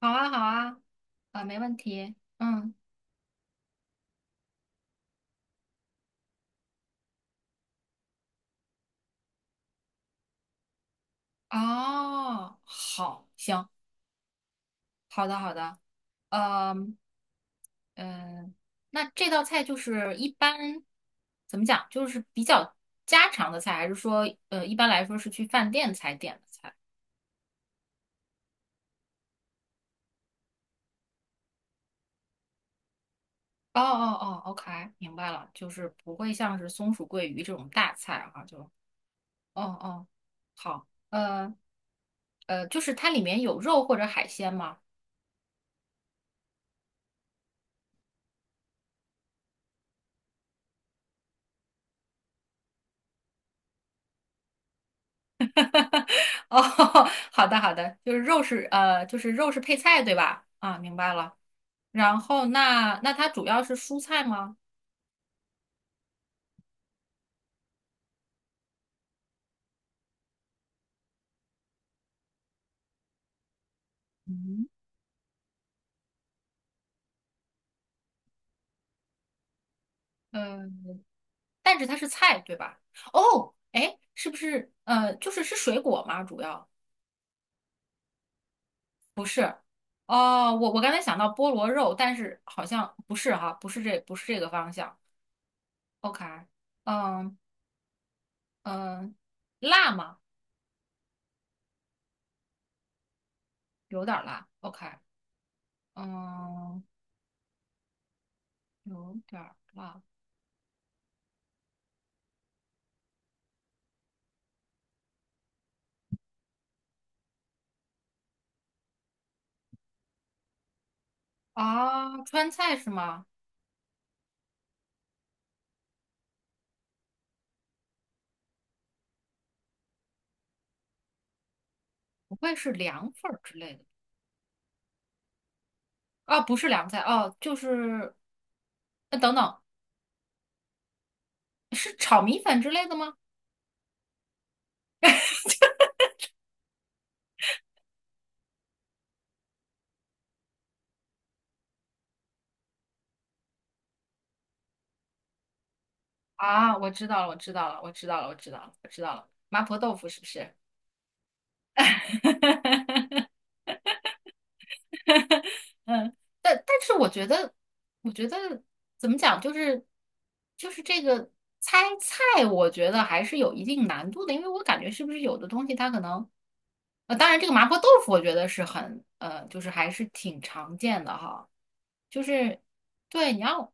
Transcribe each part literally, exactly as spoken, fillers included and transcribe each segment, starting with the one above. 好啊，好啊，啊，没问题。嗯，哦，好，行，好的，好的。嗯嗯，那这道菜就是一般怎么讲，就是比较家常的菜，还是说呃，一般来说是去饭店才点的菜？哦哦哦，OK，明白了，就是不会像是松鼠桂鱼这种大菜哈、就哦哦，好，呃呃，就是它里面有肉或者海鲜吗？哦，好的好的，就是肉是呃，就是肉是配菜对吧？啊，明白了。然后那那它主要是蔬菜吗？嗯，嗯，但是它是菜对吧？哦，哎，是不是呃，就是是水果吗？主要不是。哦，我我刚才想到菠萝肉，但是好像不是哈，不是这不是这个方向。OK，嗯嗯，辣吗？有点儿辣。OK，嗯，有点儿辣。啊，川菜是吗？不会是凉粉儿之类的？啊，不是凉菜，哦，就是，呃，等等，是炒米粉之类的吗？啊，我知道了，我知道了，我知道了，我知道了，我知道了，麻婆豆腐是不是？但但是我觉得，我觉得怎么讲，就是就是这个猜菜，我觉得还是有一定难度的，因为我感觉是不是有的东西它可能呃，当然，这个麻婆豆腐我觉得是很，呃，就是还是挺常见的哈。就是，对，你要，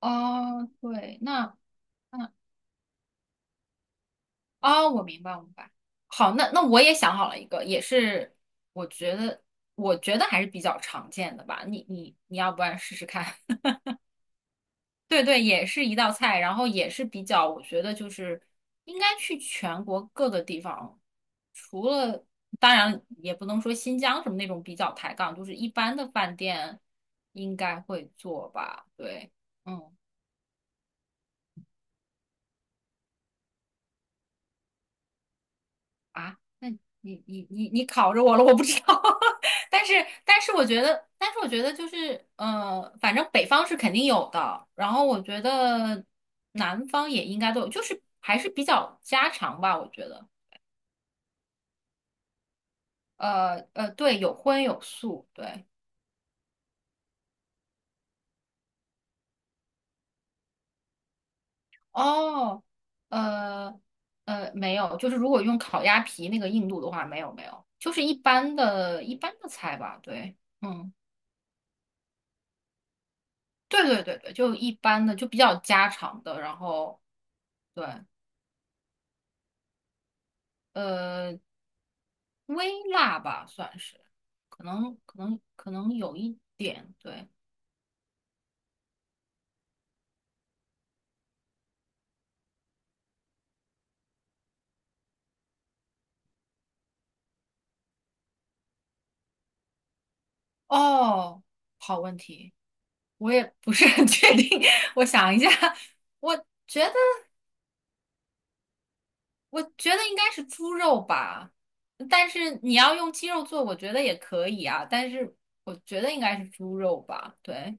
哦，对，那，那，哦，我明白，我明白。好，那那我也想好了一个，也是我觉得，我觉得还是比较常见的吧。你你你要不然试试看？对对，也是一道菜，然后也是比较，我觉得就是应该去全国各个地方，除了当然也不能说新疆什么那种比较抬杠，就是一般的饭店应该会做吧？对，嗯啊，那你你你你考着我了，我不知道，但是但是我觉得，但是我觉得就是呃，反正北方是肯定有的，然后我觉得南方也应该都有，就是还是比较家常吧，我觉得。呃呃，对，有荤有素，对。哦，呃呃，没有，就是如果用烤鸭皮那个硬度的话，没有没有，就是一般的一般的菜吧，对，嗯，对对对对，就一般的，就比较家常的，然后对，呃，微辣吧算是，可能可能可能有一点，对。哦，好问题，我也不是很确定，我想一下，我觉得。我觉得应该是猪肉吧，但是你要用鸡肉做，我觉得也可以啊。但是我觉得应该是猪肉吧。对，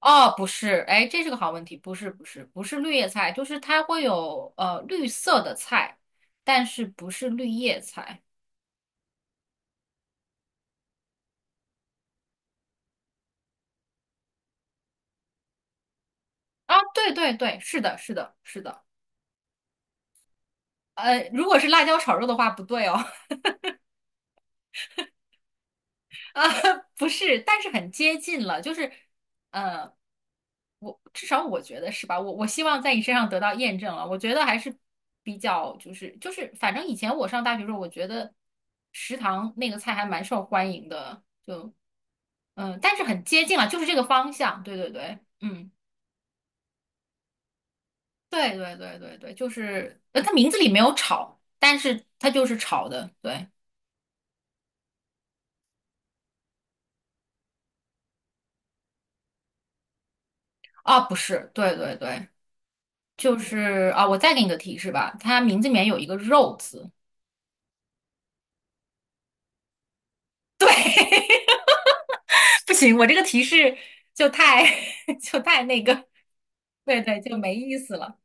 哦，不是，哎，这是个好问题，不是，不是，不是绿叶菜，就是它会有呃绿色的菜，但是不是绿叶菜啊？对对对，是的，是的，是的。呃，如果是辣椒炒肉的话，不对哦，啊，不是，但是很接近了，就是我至少我觉得是吧？我我希望在你身上得到验证了。我觉得还是比较就是就是，反正以前我上大学的时候，我觉得食堂那个菜还蛮受欢迎的，就嗯，但是很接近了，就是这个方向。对对对，嗯，对对对对对，就是呃，它名字里没有炒，但是它就是炒的，对啊，不是，对对对，就是啊，我再给你个提示吧，它名字里面有一个肉字，对。不行，我这个提示就太 就太那个，对对，就没意思了。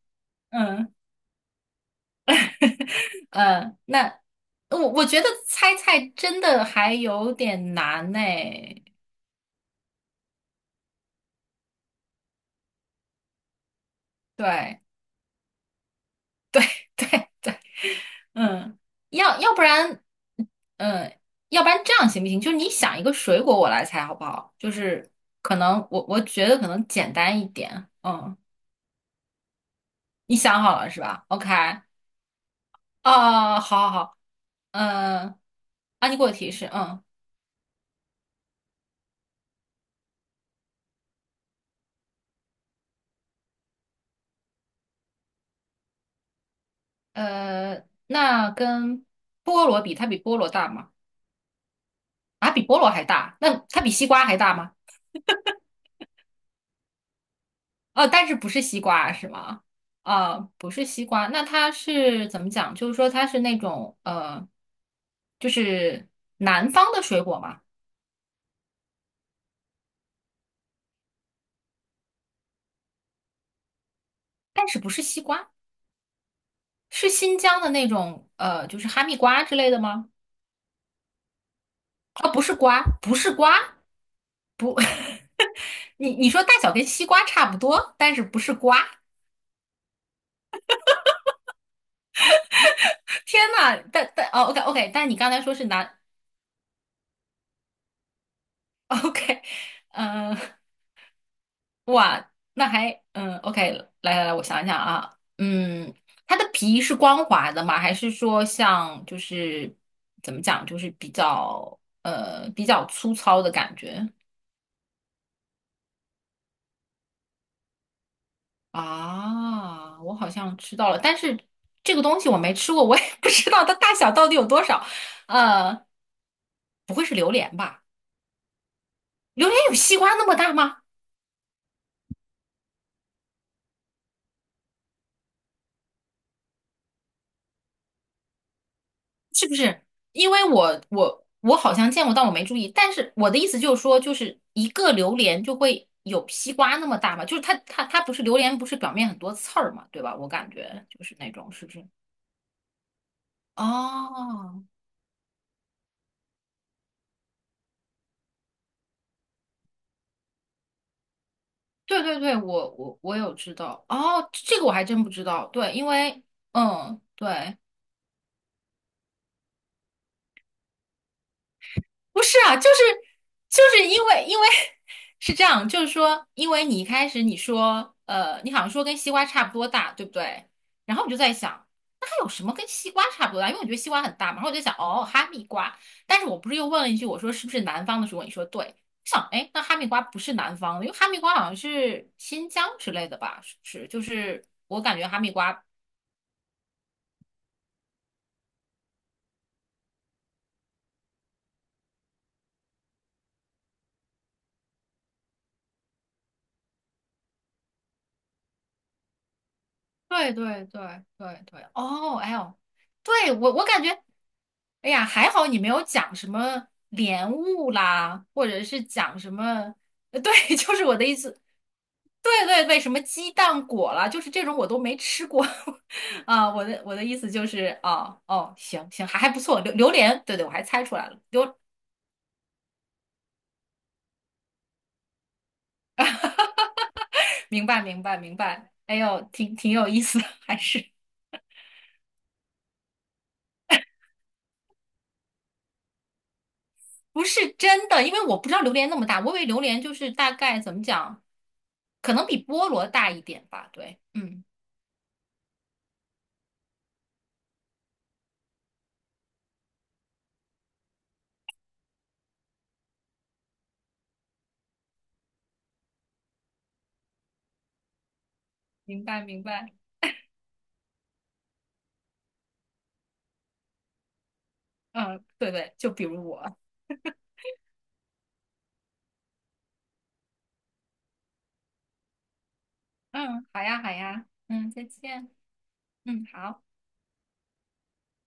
嗯嗯，那我我觉得猜菜真的还有点难呢。对对 对对，嗯，要要不然，嗯，要不然这样行不行？就是你想一个水果，我来猜好不好？就是可能我我觉得可能简单一点。嗯，你想好了是吧？OK，哦，好好好，嗯，啊，你给我提示，嗯。呃，那跟菠萝比，它比菠萝大吗？啊，比菠萝还大？那它比西瓜还大吗？哦，但是不是西瓜是吗？啊，不是西瓜，那它是怎么讲？就是说它是那种呃，就是南方的水果嘛，但是不是西瓜，是新疆的那种呃，就是哈密瓜之类的吗？啊，不是瓜，不是瓜，你你说大小跟西瓜差不多，但是不是瓜。天呐，但但哦，OK OK，但你刚才说是南 OK，嗯、那还嗯，OK，来来来，我想一想啊，嗯，它的皮是光滑的吗？还是说像就是怎么讲，就是比较呃比较粗糙的感觉啊？我好像知道了，但是这个东西我没吃过，我也 不知道它大小到底有多少。呃，不会是榴莲吧？榴莲有西瓜那么大吗？是不是？因为我我我好像见过，但我没注意。但是我的意思就是说，就是一个榴莲就会有西瓜那么大嘛，就是它它它不是榴莲，不是表面很多刺儿嘛，对吧？我感觉就是那种，是不是？哦，对对对，我我我有知道。哦，这个我还真不知道。对，因为嗯，对。不是啊，就是就是因为因为 是这样，就是说，因为你一开始你说，呃，你好像说跟西瓜差不多大，对不对？然后我就在想，那还有什么跟西瓜差不多大？因为我觉得西瓜很大嘛。然后我就想，哦，哈密瓜。但是我不是又问了一句，我说是不是南方的时候？你说对。我想，哎，那哈密瓜不是南方的，因为哈密瓜好像是新疆之类的吧？是不是？就是我感觉哈密瓜对对对对对，哦，哎呦，对我我感觉，哎呀，还好你没有讲什么莲雾啦，或者是讲什么，呃对，就是我的意思，对对对，什么鸡蛋果啦，就是这种我都没吃过 啊。我的我的意思就是哦哦，行行，还还不错，榴榴莲，对对，我还猜出来了，榴，明白明白明白，哎呦，挺挺有意思的，还是。不是真的，因为我不知道榴莲那么大，我以为榴莲就是大概怎么讲，可能比菠萝大一点吧。对，嗯，明白明白，嗯，对对，就比如我，嗯，好呀好呀，嗯，再见，嗯，好。